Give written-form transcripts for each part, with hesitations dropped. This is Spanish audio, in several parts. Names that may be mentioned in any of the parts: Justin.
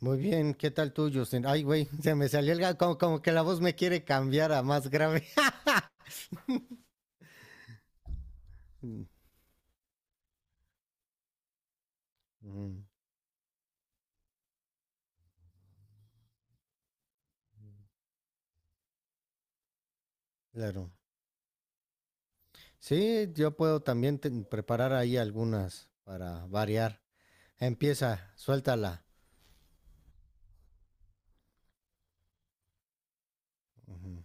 Muy bien, ¿qué tal tú, Justin? Ay, güey, se me salió el gato, como que la voz me quiere cambiar a más grave. Mm, claro. Sí, yo puedo también preparar ahí algunas para variar. Empieza, suéltala. Ujú.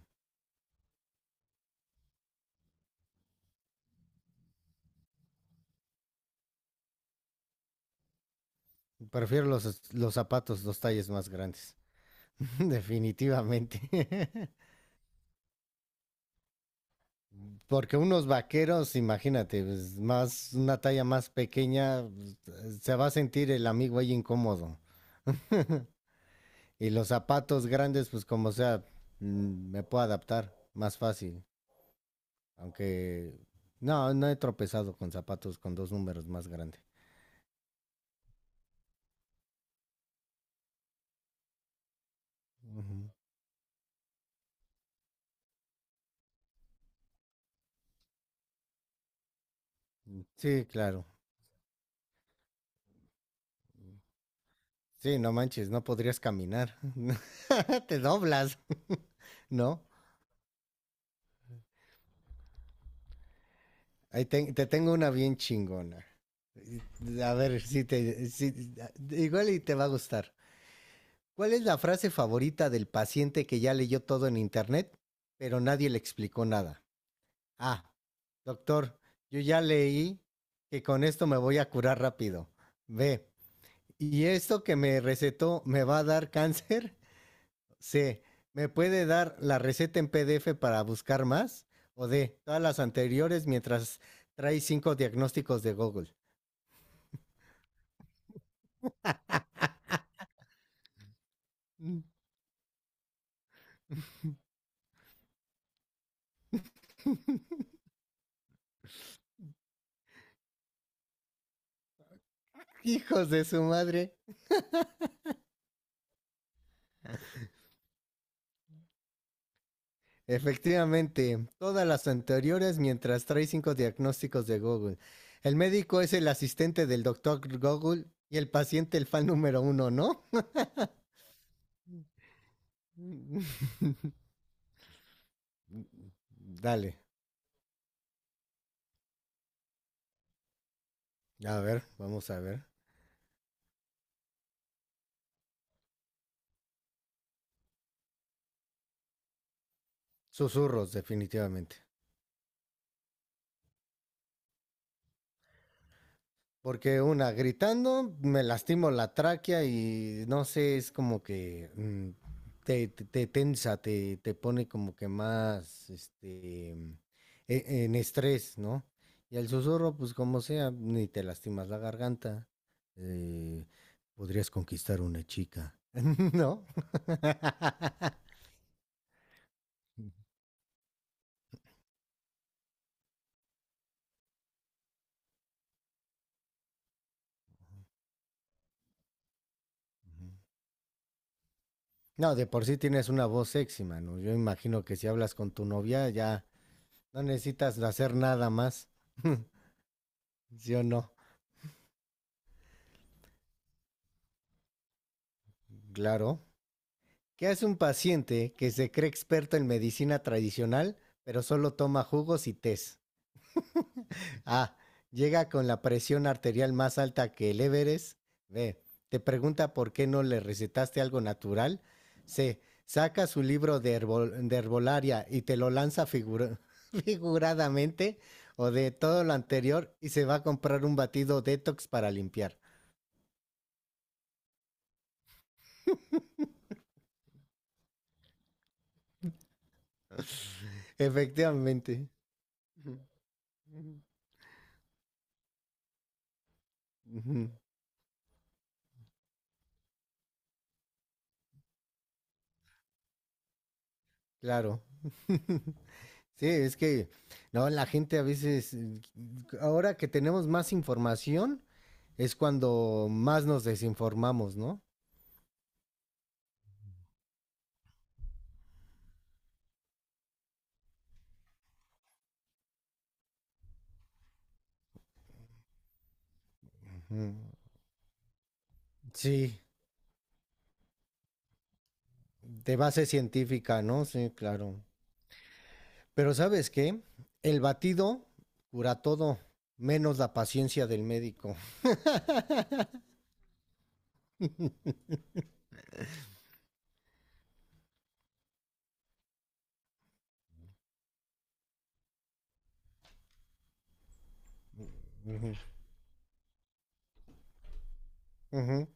Prefiero los zapatos, los talles más grandes. Definitivamente. Porque unos vaqueros, imagínate, pues, más, una talla más pequeña, pues, se va a sentir el amigo ahí incómodo. Y los zapatos grandes, pues como sea, me puedo adaptar más fácil. Aunque no he tropezado con zapatos con dos números más grandes. Ujú. Sí, claro. Sí, no manches, no podrías caminar. Te doblas, ¿no? Ahí te tengo una bien chingona. A ver, si te, si- igual y te va a gustar. ¿Cuál es la frase favorita del paciente que ya leyó todo en internet, pero nadie le explicó nada? Ah, doctor, yo ya leí que con esto me voy a curar rápido. B, ¿y esto que me recetó me va a dar cáncer? C, ¿me puede dar la receta en PDF para buscar más? O D, todas las anteriores mientras trae cinco diagnósticos de Google. Mm. Hijos de su madre. Efectivamente, todas las anteriores mientras trae cinco diagnósticos de Google. El médico es el asistente del doctor Google y el paciente el fan número uno, ¿no? Dale, a ver, vamos a ver. Susurros, definitivamente. Porque una, gritando, me lastimo la tráquea y no sé, es como que te tensa, te pone como que más en estrés, ¿no? Y el susurro, pues como sea, ni te lastimas la garganta. eh, Podrías conquistar una chica, ¿no? No, de por sí tienes una voz sexy, mano. Yo imagino que si hablas con tu novia ya no necesitas hacer nada más. ¿Sí o no? Claro. ¿Qué hace un paciente que se cree experto en medicina tradicional, pero solo toma jugos y tés? A. Llega con la presión arterial más alta que el Everest. B. Te pregunta por qué no le recetaste algo natural. C. Saca su libro de herbolaria y te lo lanza figuradamente. O de todo lo anterior y se va a comprar un batido detox para limpiar. Efectivamente. Ujú. Ujú. Claro. Sí, es que no, la gente a veces, ahora que tenemos más información, es cuando más nos desinformamos, ¿no? Ujú. Sí, de base científica, ¿no? Sí, claro. Pero ¿sabes qué? El batido cura todo, menos la paciencia del médico. Ujú, ujú.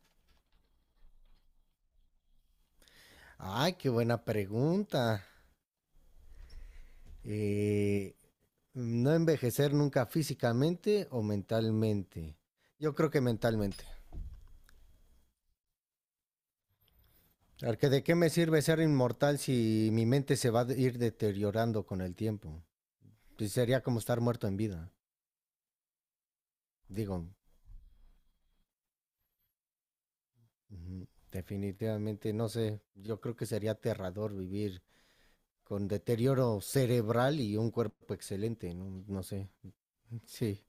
Ay, qué buena pregunta. Eh, No envejecer nunca físicamente o mentalmente. Yo creo que mentalmente. Porque de qué me sirve ser inmortal si mi mente se va a ir deteriorando con el tiempo. Pues sería como estar muerto en vida. Digo, ujú, definitivamente, no sé. Yo creo que sería aterrador vivir con deterioro cerebral y un cuerpo excelente. No, no sé. Sí.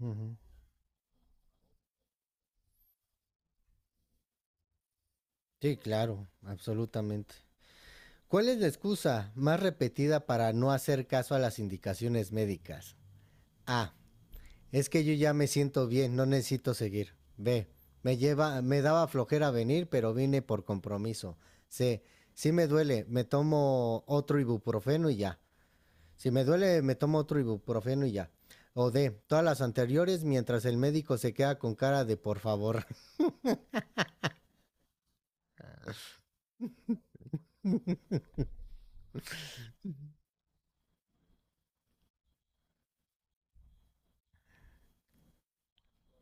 Ujú. Sí, claro, absolutamente. ¿Cuál es la excusa más repetida para no hacer caso a las indicaciones médicas? A. Es que yo ya me siento bien, no necesito seguir. B. Me lleva, me daba flojera venir, pero vine por compromiso. C. Si me duele, me tomo otro ibuprofeno y ya. Si me duele, me tomo otro ibuprofeno y ya. O D. Todas las anteriores mientras el médico se queda con cara de por favor.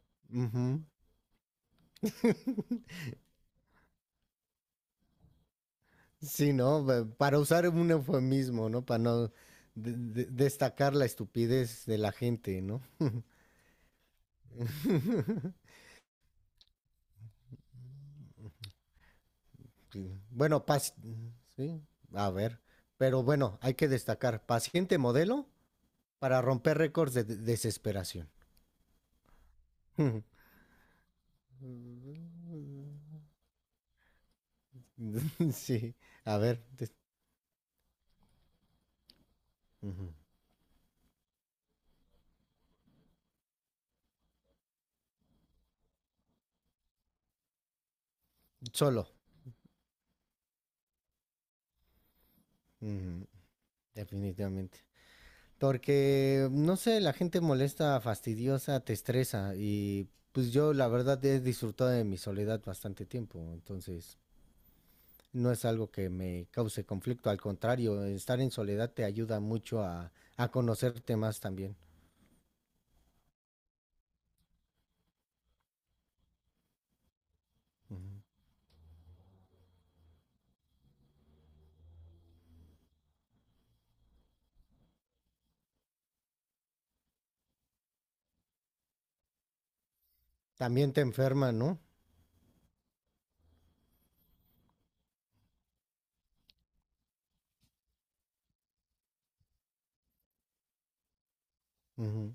Ujú. Sí, ¿no? Para usar un eufemismo, ¿no? Para no de- destacar la estupidez de la gente, ¿no? Sí. Bueno, sí, a ver. Pero bueno, hay que destacar, paciente modelo para romper récords de desesperación. Sí, a ver. Ujú. Solo. Ujú. Definitivamente. Porque, no sé, la gente molesta, fastidiosa, te estresa y pues yo la verdad he disfrutado de mi soledad bastante tiempo, entonces no es algo que me cause conflicto, al contrario, estar en soledad te ayuda mucho a conocerte más también. Ujú. También te enferma, ¿no? Ujú.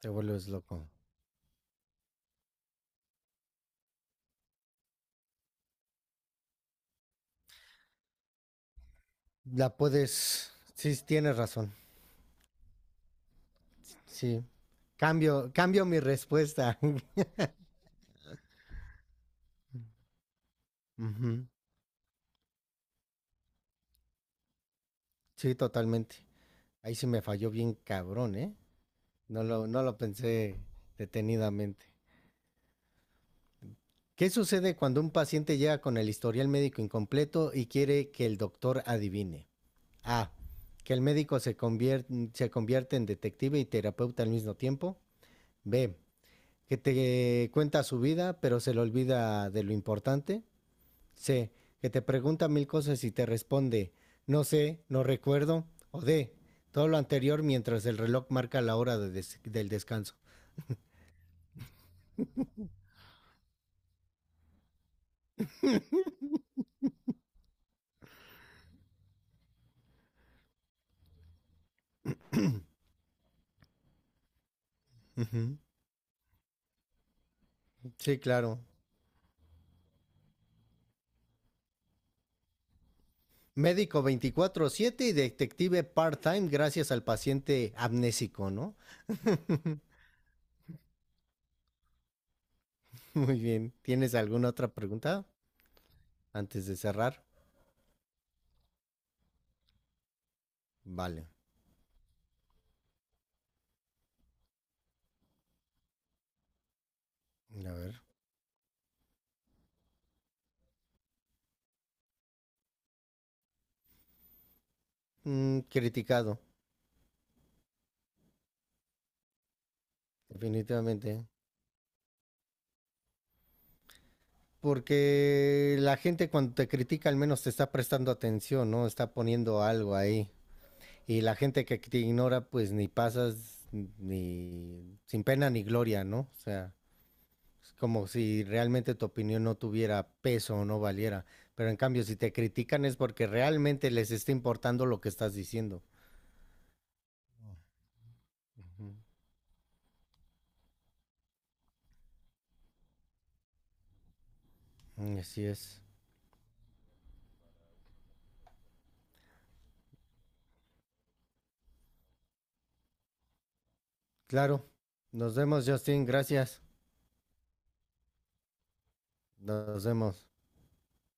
Te vuelves loco. La puedes, sí, sí, tienes razón, sí. Cambio mi respuesta. Ujú. Sí, totalmente. Ahí sí me falló bien cabrón, ¿eh? No lo pensé detenidamente. ¿Qué sucede cuando un paciente llega con el historial médico incompleto y quiere que el doctor adivine? A. Que el médico se convierte en detective y terapeuta al mismo tiempo. B. Que te cuenta su vida, pero se le olvida de lo importante. C. Que te pregunta mil cosas y te responde, no sé, no recuerdo. O D. Todo lo anterior mientras el reloj marca la hora del descanso. Ujú. Sí, claro. Médico 24/7 y detective part-time gracias al paciente amnésico, ¿no? Muy bien. ¿Tienes alguna otra pregunta antes de cerrar? Vale. A ver. Mm, criticado, definitivamente. Porque la gente cuando te critica al menos te está prestando atención, ¿no? Está poniendo algo ahí. Y la gente que te ignora, pues ni pasas ni sin pena ni gloria, ¿no? O sea, es como si realmente tu opinión no tuviera peso o no valiera. Pero en cambio, si te critican es porque realmente les está importando lo que estás diciendo. Ujú. Así es. Claro. Nos vemos, Justin. Gracias. Nos vemos.